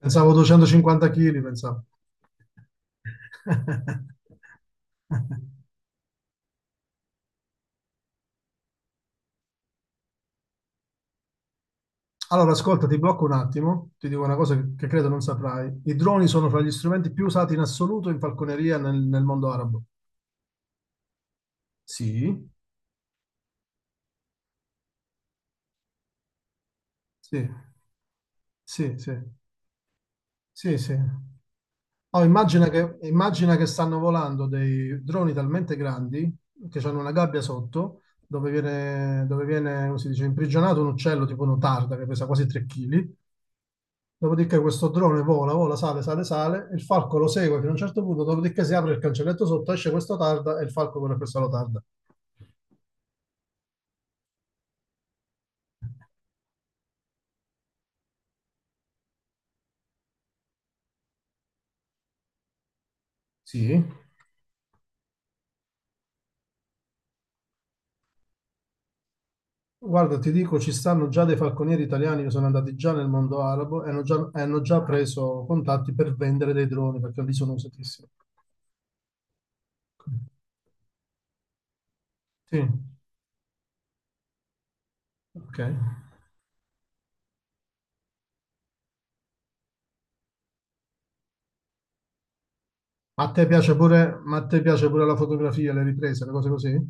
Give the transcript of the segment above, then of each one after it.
Pensavo 250 kg, pensavo. Allora, ascolta, ti blocco un attimo, ti dico una cosa che credo non saprai. I droni sono fra gli strumenti più usati in assoluto in falconeria nel mondo arabo. Sì. Sì, sì, sì, sì, sì. Oh, immagina che stanno volando dei droni talmente grandi che hanno una gabbia sotto dove viene, come si dice, imprigionato un uccello tipo un'otarda che pesa quasi 3 kg. Dopodiché questo drone vola, vola, sale, sale, sale, il falco lo segue fino a un certo punto, dopodiché si apre il cancelletto sotto, esce questo tarda e il falco corre questo lo tarda. Sì. Guarda, ti dico, ci stanno già dei falconieri italiani che sono andati già nel mondo arabo e hanno già preso contatti per vendere dei droni perché lì sono usatissimi. Sì, ok. Ma a te piace pure, ma a te piace pure la fotografia, le riprese, le cose così?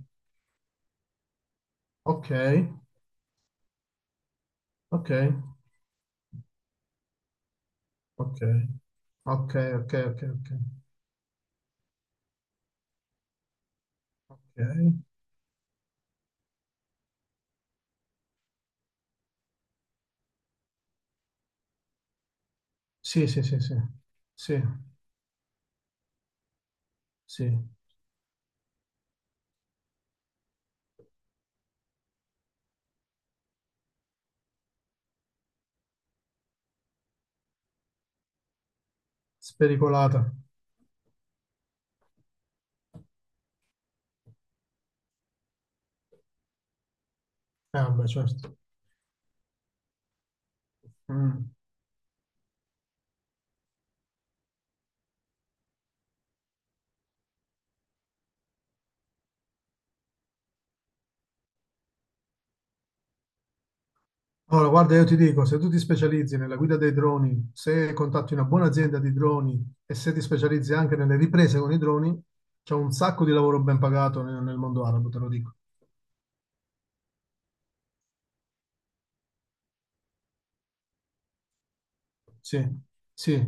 Ok, ok, ok, ok, ok, ok, ok, ok. Sì, sì, sì, sì, sì, sì, spericolata. Vabbè, certo. Mm. Allora, guarda, io ti dico, se tu ti specializzi nella guida dei droni, se contatti una buona azienda di droni e se ti specializzi anche nelle riprese con i droni, c'è un sacco di lavoro ben pagato nel mondo arabo, te lo dico. Sì, sì,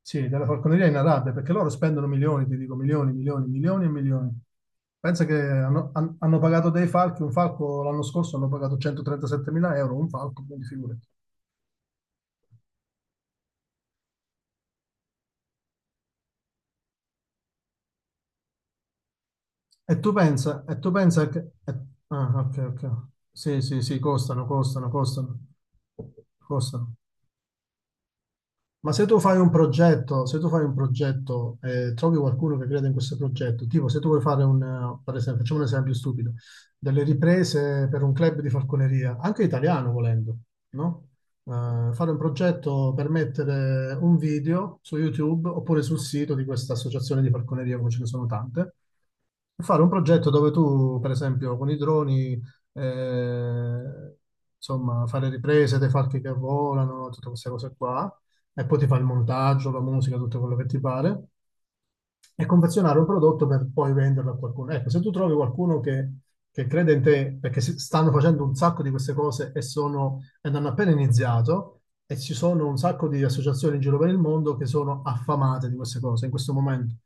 sì, della falconeria in Arabia, perché loro spendono milioni, ti dico milioni, milioni, milioni e milioni. Pensa che hanno pagato dei falchi, un falco l'anno scorso hanno pagato 137.000 euro, un falco, quindi figurati. E tu pensa che... e- ah, ok, ok. Sì, sì, sì, costano, costano, costano. Costano. Ma se tu fai un progetto, se tu fai un progetto e trovi qualcuno che crede in questo progetto, tipo se tu vuoi fare per esempio, facciamo un esempio stupido, delle riprese per un club di falconeria, anche italiano volendo, no? Fare un progetto per mettere un video su YouTube oppure sul sito di questa associazione di falconeria, come ce ne sono tante, e fare un progetto dove tu, per esempio, con i droni, eh, insomma, fare riprese dei falchi che volano, tutte queste cose qua e poi ti fa il montaggio, la musica, tutto quello che ti pare, e confezionare un prodotto per poi venderlo a qualcuno. Ecco, se tu trovi qualcuno che crede in te, perché stanno facendo un sacco di queste cose e, sono, ed hanno appena iniziato, e ci sono un sacco di associazioni in giro per il mondo che sono affamate di queste cose in questo momento.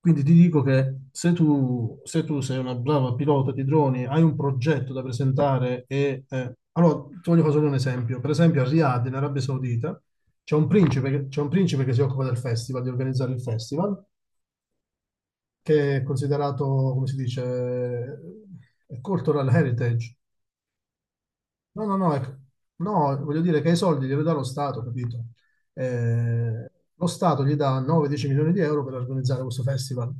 Quindi ti dico che se tu sei una brava pilota di droni, hai un progetto da presentare allora, ti voglio fare solo un esempio. Per esempio, a Riyadh, in Arabia Saudita, c'è un principe che si occupa del festival, di organizzare il festival, che è considerato, come si dice, cultural heritage. No, no, no, no, voglio dire che i soldi li dà lo Stato, capito? Lo Stato gli dà 9-10 milioni di euro per organizzare questo festival.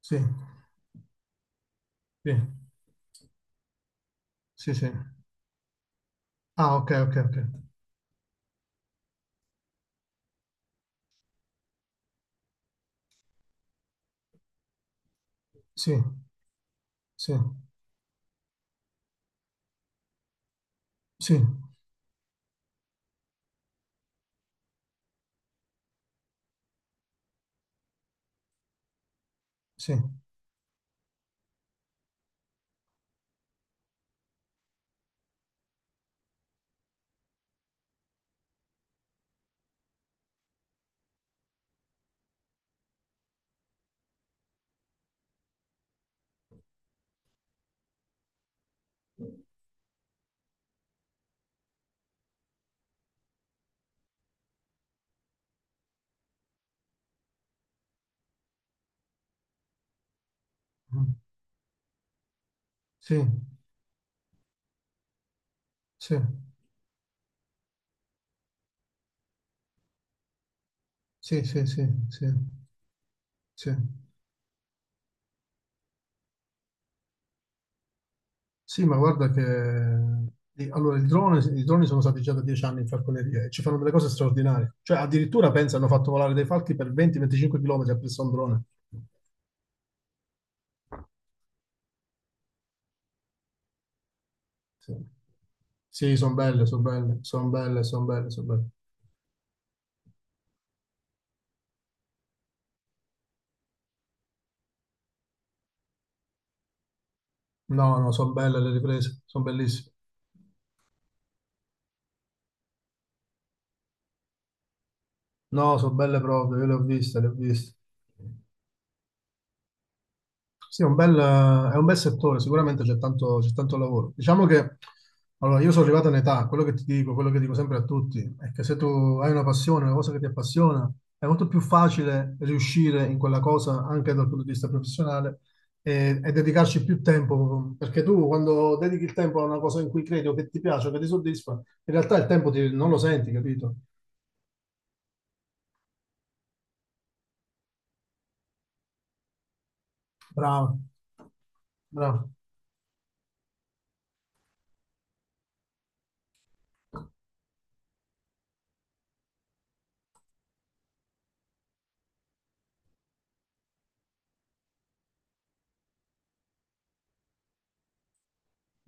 Sì. Sì, sì, sì. Ah, ok, ok, ok. Sì, sì, sì, sì, mm, sì, sì, sì, sì, sì, sì, sì. Sì, ma guarda Allora, il drone, i droni sono stati già da 10 anni in falconeria e ci fanno delle cose straordinarie. Cioè, addirittura, pensa, hanno fatto volare dei falchi per 20-25 km appresso a un drone. Sì, sì, sono belle, sono belle, sono belle, sono belle, sono belle. No, no, sono belle le riprese, sono bellissime. No, sono belle proprio, io le ho viste, le ho viste. Sì, è un bel settore, sicuramente c'è tanto lavoro. Diciamo che, allora, io sono arrivato in età, quello che ti dico, quello che dico sempre a tutti, è che se tu hai una passione, una cosa che ti appassiona, è molto più facile riuscire in quella cosa anche dal punto di vista professionale e dedicarci più tempo, perché tu quando dedichi il tempo a una cosa in cui credi o che ti piace o che ti soddisfa, in realtà il tempo non lo senti, capito? Bravo, bravo.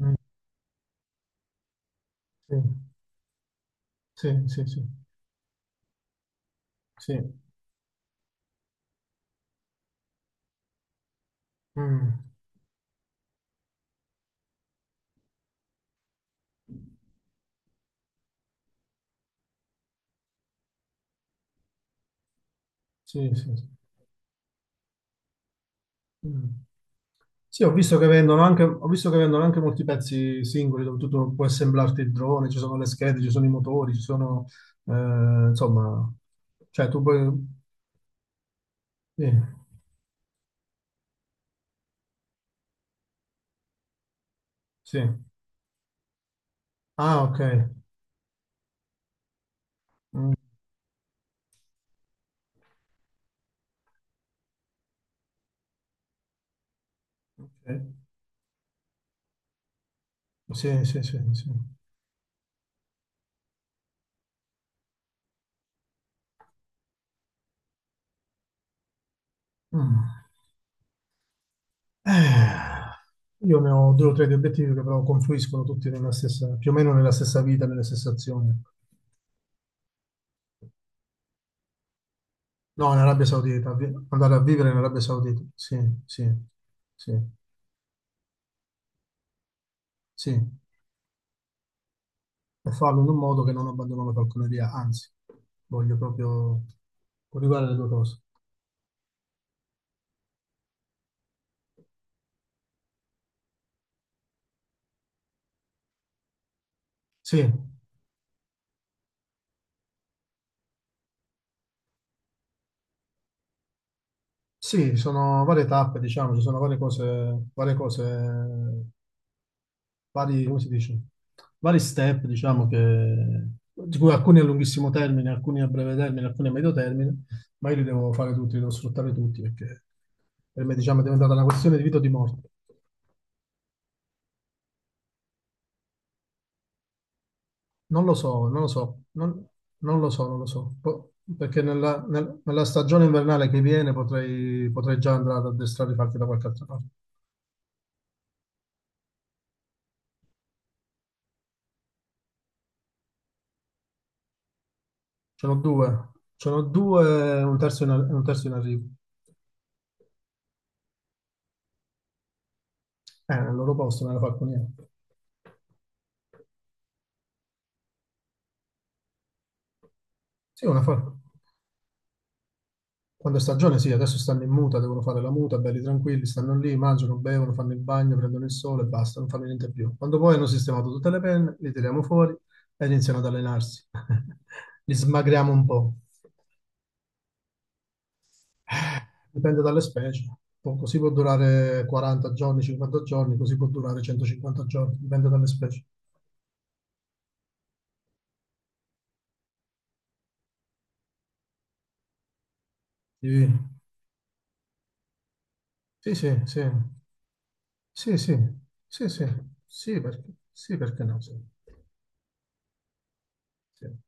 Mm, sì, sì, sì, sì. Sì, mm. Sì, sì, sì. Mm. Sì, ho visto che vendono anche, ho visto che vendono anche molti pezzi singoli dove tu puoi assemblarti il drone, ci sono le schede, ci sono i motori, ci sono, eh, insomma, cioè tu puoi. Sì, sì. Ah, ok. Mm, ok. Sì, sì, sì, sì. Mm. Eh, io ne ho due o tre di obiettivi che però confluiscono tutti nella stessa, più o meno nella stessa vita, nelle stesse azioni. No, in Arabia Saudita, andare a vivere in Arabia Saudita, sì, sì, sì, sì, e farlo in un modo che non abbandono la falconeria, anzi, voglio proprio coniugare le due cose. Sì, sì, ci sono varie tappe, diciamo, ci sono varie cose, vari, come si dice, vari step, diciamo, di cui alcuni a lunghissimo termine, alcuni a breve termine, alcuni a medio termine, ma io li devo fare tutti, li devo sfruttare tutti, perché per me, diciamo, è diventata una questione di vita o di morte. Non lo so, non lo so, non lo so, non lo so, perché nella stagione invernale che viene potrei già andare ad addestrare i fatti da qualche altra parte. Ce n'ho due, ce n'ho due, un terzo in arrivo. Nel loro posto, nella falconiera. Sì, una falco. Quando è stagione, sì, adesso stanno in muta, devono fare la muta, belli tranquilli, stanno lì, mangiano, bevono, fanno il bagno, prendono il sole e basta, non fanno niente più. Quando poi hanno sistemato tutte le penne, li tiriamo fuori e iniziano ad allenarsi. Li smagriamo un po'. Dipende dalle specie. Così può durare 40 giorni, 50 giorni, così può durare 150 giorni, dipende dalle specie. Sì, sì, sì, sì, sì, sì, sì, sì, sì, perché, sì, perché no, sì, sì.